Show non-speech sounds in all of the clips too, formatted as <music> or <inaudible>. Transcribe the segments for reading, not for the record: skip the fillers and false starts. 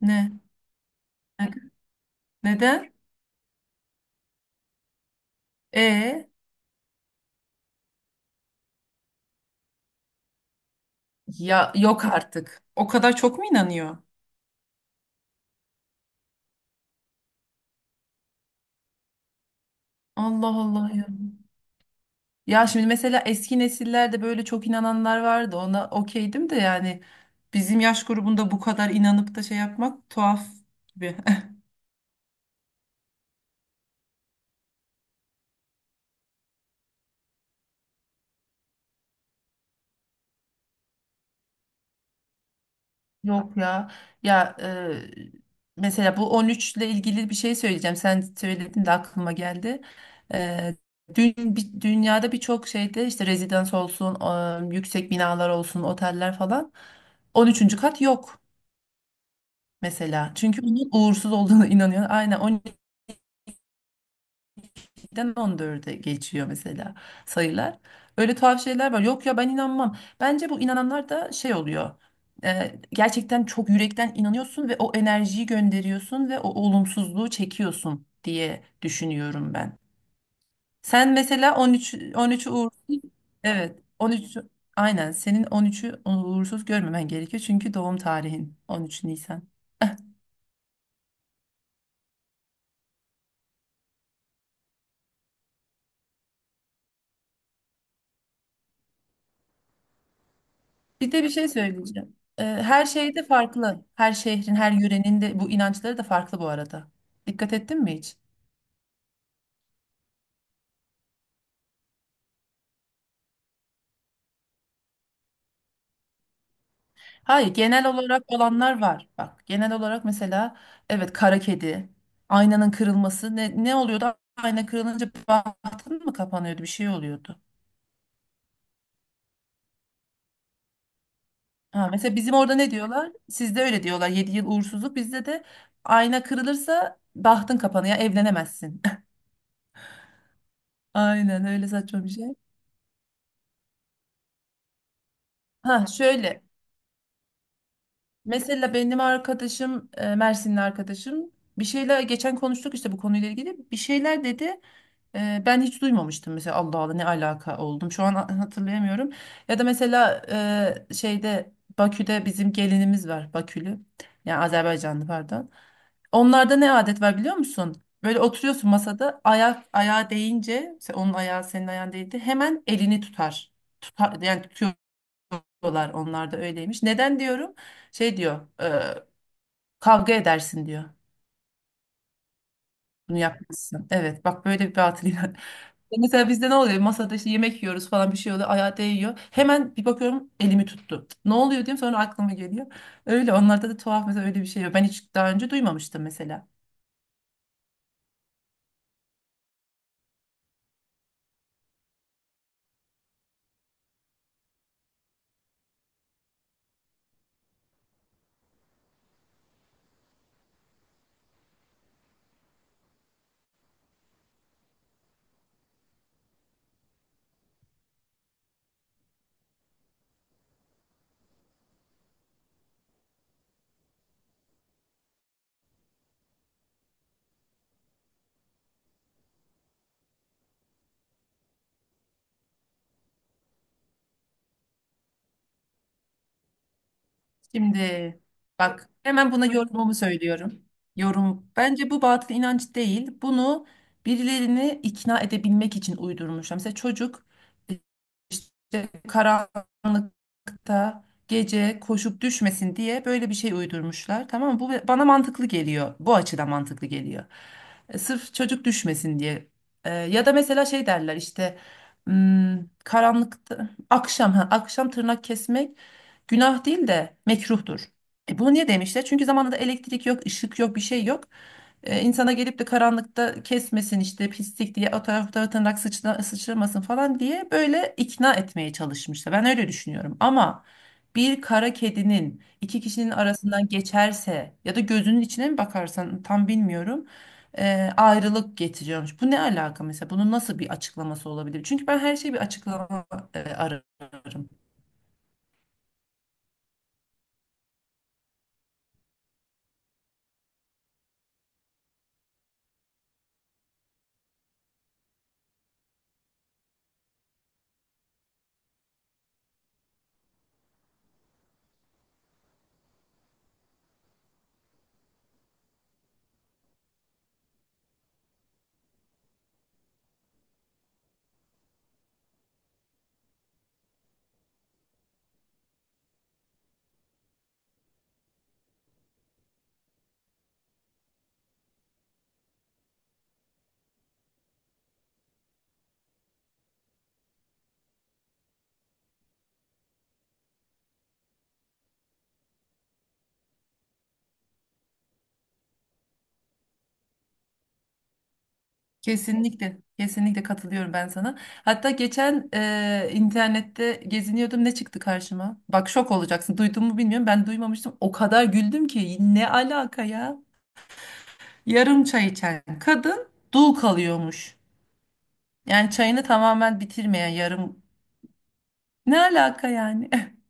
Ne? Ne- Neden? E Ya yok artık. O kadar çok mu inanıyor? Allah Allah ya. Ya şimdi mesela eski nesillerde böyle çok inananlar vardı. Ona okeydim de, yani bizim yaş grubunda bu kadar inanıp da şey yapmak tuhaf gibi. Yok ya. Ya, mesela bu 13 ile ilgili bir şey söyleyeceğim. Sen söyledin de aklıma geldi. E, Dün dünyada birçok şeyde işte rezidans olsun, yüksek binalar olsun, oteller falan 13. kat yok mesela. Çünkü onun uğursuz olduğunu <laughs> inanıyor. Aynen 7'den 14'e geçiyor mesela sayılar. Öyle tuhaf şeyler var. Yok ya, ben inanmam. Bence bu inananlar da şey oluyor. Gerçekten çok yürekten inanıyorsun ve o enerjiyi gönderiyorsun ve o olumsuzluğu çekiyorsun diye düşünüyorum ben. Sen mesela 13, 13'ü uğursuz, evet, 13, aynen senin 13'ü uğursuz görmemen gerekiyor çünkü doğum tarihin 13 Nisan. <laughs> Bir de bir şey söyleyeceğim. Her şeyde farklı. Her şehrin, her yörenin de bu inançları da farklı bu arada. Dikkat ettin mi hiç? Hayır, genel olarak olanlar var. Bak, genel olarak mesela evet, kara kedi, aynanın kırılması ne oluyordu? Ayna kırılınca bahtın mı kapanıyordu? Bir şey oluyordu. Ha, mesela bizim orada ne diyorlar? Sizde öyle diyorlar. 7 yıl uğursuzluk bizde de ayna kırılırsa bahtın kapanıyor, evlenemezsin. <laughs> Aynen öyle saçma bir şey. Ha, şöyle. Mesela benim arkadaşım, Mersinli arkadaşım, bir şeyler geçen konuştuk işte bu konuyla ilgili bir şeyler dedi. Ben hiç duymamıştım mesela. Allah Allah, ne alaka oldum şu an, hatırlayamıyorum. Ya da mesela şeyde, Bakü'de bizim gelinimiz var, Bakülü, yani Azerbaycanlı pardon. Onlarda ne adet var biliyor musun? Böyle oturuyorsun masada ayak ayağa değince onun ayağı senin ayağın değdi, hemen elini tutar. Tutar, yani tutuyorlar, onlar da öyleymiş. Neden diyorum? Şey diyor. Kavga edersin diyor. Bunu yapmazsan. Evet, bak, böyle bir batıl <laughs> Mesela bizde ne oluyor? Masada işte yemek yiyoruz falan, bir şey oluyor. Ayağı değiyor. Hemen bir bakıyorum, elimi tuttu. Ne oluyor diyeyim, sonra aklıma geliyor. Öyle onlarda da tuhaf, mesela öyle bir şey yok. Ben hiç daha önce duymamıştım mesela. Şimdi, bak, hemen buna yorumumu söylüyorum. Yorum. Bence bu batıl inanç değil. Bunu birilerini ikna edebilmek için uydurmuşlar. Mesela çocuk işte karanlıkta gece koşup düşmesin diye böyle bir şey uydurmuşlar. Tamam mı? Bu bana mantıklı geliyor. Bu açıdan mantıklı geliyor. Sırf çocuk düşmesin diye. Ya da mesela şey derler işte, hmm, karanlıkta akşam tırnak kesmek günah değil de mekruhtur. E bunu niye demişler? Çünkü zamanında elektrik yok, ışık yok, bir şey yok. İnsana gelip de karanlıkta kesmesin işte, pislik diye o taraf bu tarafa tırnak sıçramasın falan diye böyle ikna etmeye çalışmışlar. Ben öyle düşünüyorum ama bir kara kedinin iki kişinin arasından geçerse ya da gözünün içine mi bakarsan, tam bilmiyorum, ayrılık getiriyormuş. Bu ne alaka mesela? Bunun nasıl bir açıklaması olabilir? Çünkü ben her şeyi bir açıklama ararım. Kesinlikle, kesinlikle katılıyorum ben sana. Hatta geçen internette geziniyordum, ne çıktı karşıma? Bak, şok olacaksın. Duydun mu bilmiyorum. Ben duymamıştım. O kadar güldüm ki, ne alaka ya? Yarım çay içen kadın dul kalıyormuş. Yani çayını tamamen bitirmeyen, yarım. Ne alaka yani? <laughs>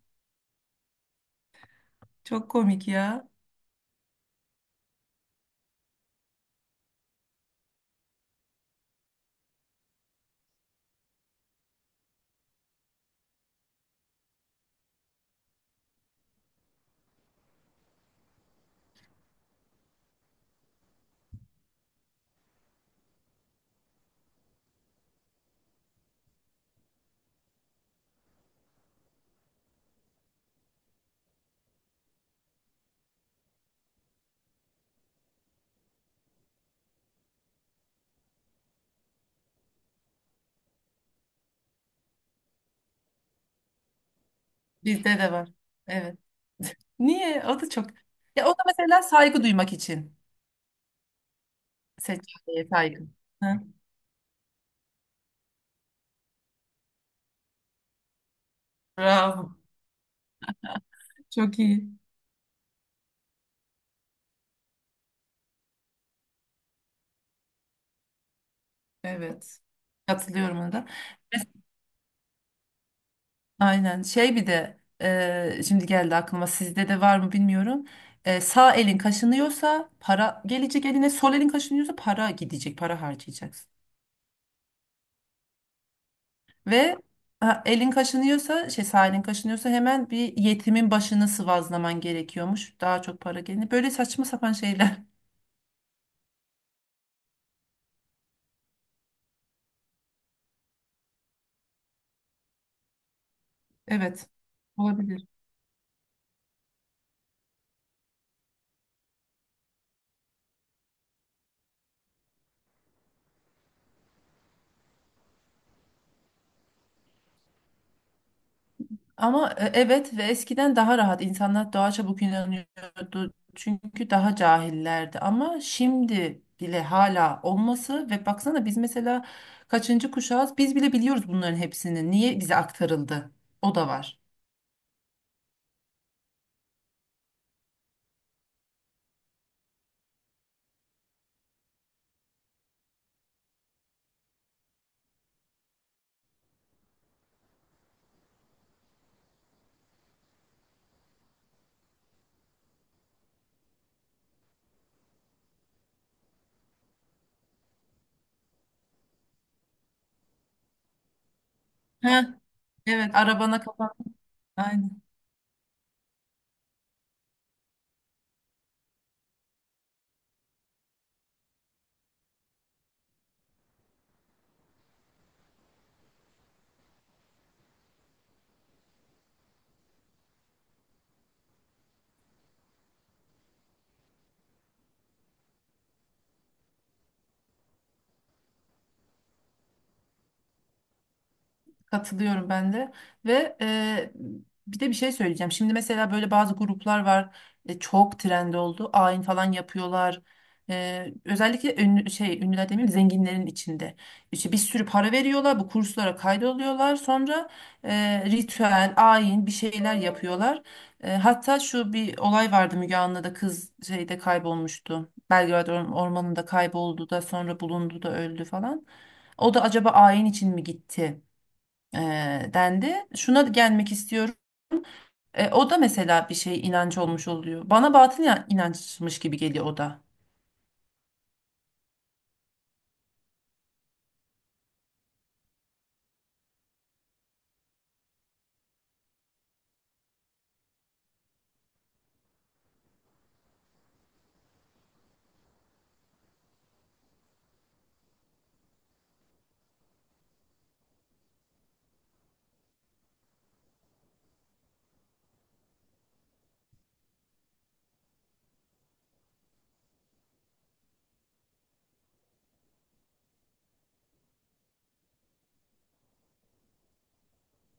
Çok komik ya. Bizde de var. Evet. Niye? O da çok. Ya, o da mesela saygı duymak için. Seçeneğe saygı. Hı. Bravo. Çok iyi. Evet. Katılıyorum ona da. Mes- Aynen. Şey bir de, şimdi geldi aklıma, sizde de var mı bilmiyorum. Sağ elin kaşınıyorsa para gelecek eline, sol elin kaşınıyorsa para gidecek, para harcayacaksın. Ve ha, elin kaşınıyorsa, şey, sağ elin kaşınıyorsa hemen bir yetimin başını sıvazlaman gerekiyormuş. Daha çok para gelir. Böyle saçma sapan şeyler. Evet. Olabilir. Ama evet, ve eskiden daha rahat insanlar daha çabuk inanıyordu. Çünkü daha cahillerdi. Ama şimdi bile hala olması, ve baksana, biz mesela kaçıncı kuşağız, biz bile biliyoruz bunların hepsini. Niye bize aktarıldı? O da var. Ha, evet. Arabana kapan. Aynen. Katılıyorum ben de, ve bir de bir şey söyleyeceğim. Şimdi mesela böyle bazı gruplar var, çok trend oldu. Ayin falan yapıyorlar. Özellikle ünlü, şey, ünlüler demeyeyim, zenginlerin içinde. İşte bir sürü para veriyorlar, bu kurslara kaydoluyorlar. Sonra ritüel, ayin bir şeyler yapıyorlar. Hatta şu bir olay vardı, Müge Anlı'da kız şeyde kaybolmuştu. Belgrad ormanında kayboldu, da sonra bulundu, da öldü falan. O da acaba ayin için mi gitti, e, dendi. Şuna gelmek istiyorum. O da mesela bir şey, inanç olmuş oluyor. Bana batıl inançmış gibi geliyor o da.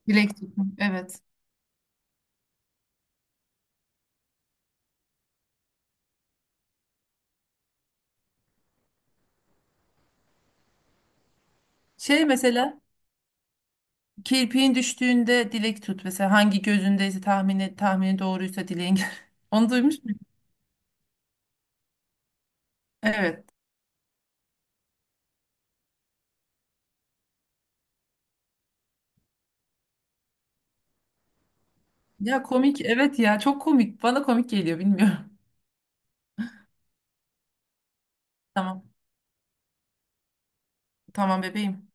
Dilek tutmak. Evet. Şey mesela, kirpiğin düştüğünde dilek tut. Mesela hangi gözündeyse tahmini, tahmini doğruysa dileğin. <laughs> Onu duymuş muydun? Evet. Ya, komik. Evet ya, çok komik. Bana komik geliyor, bilmiyorum. <laughs> Tamam. Tamam bebeğim.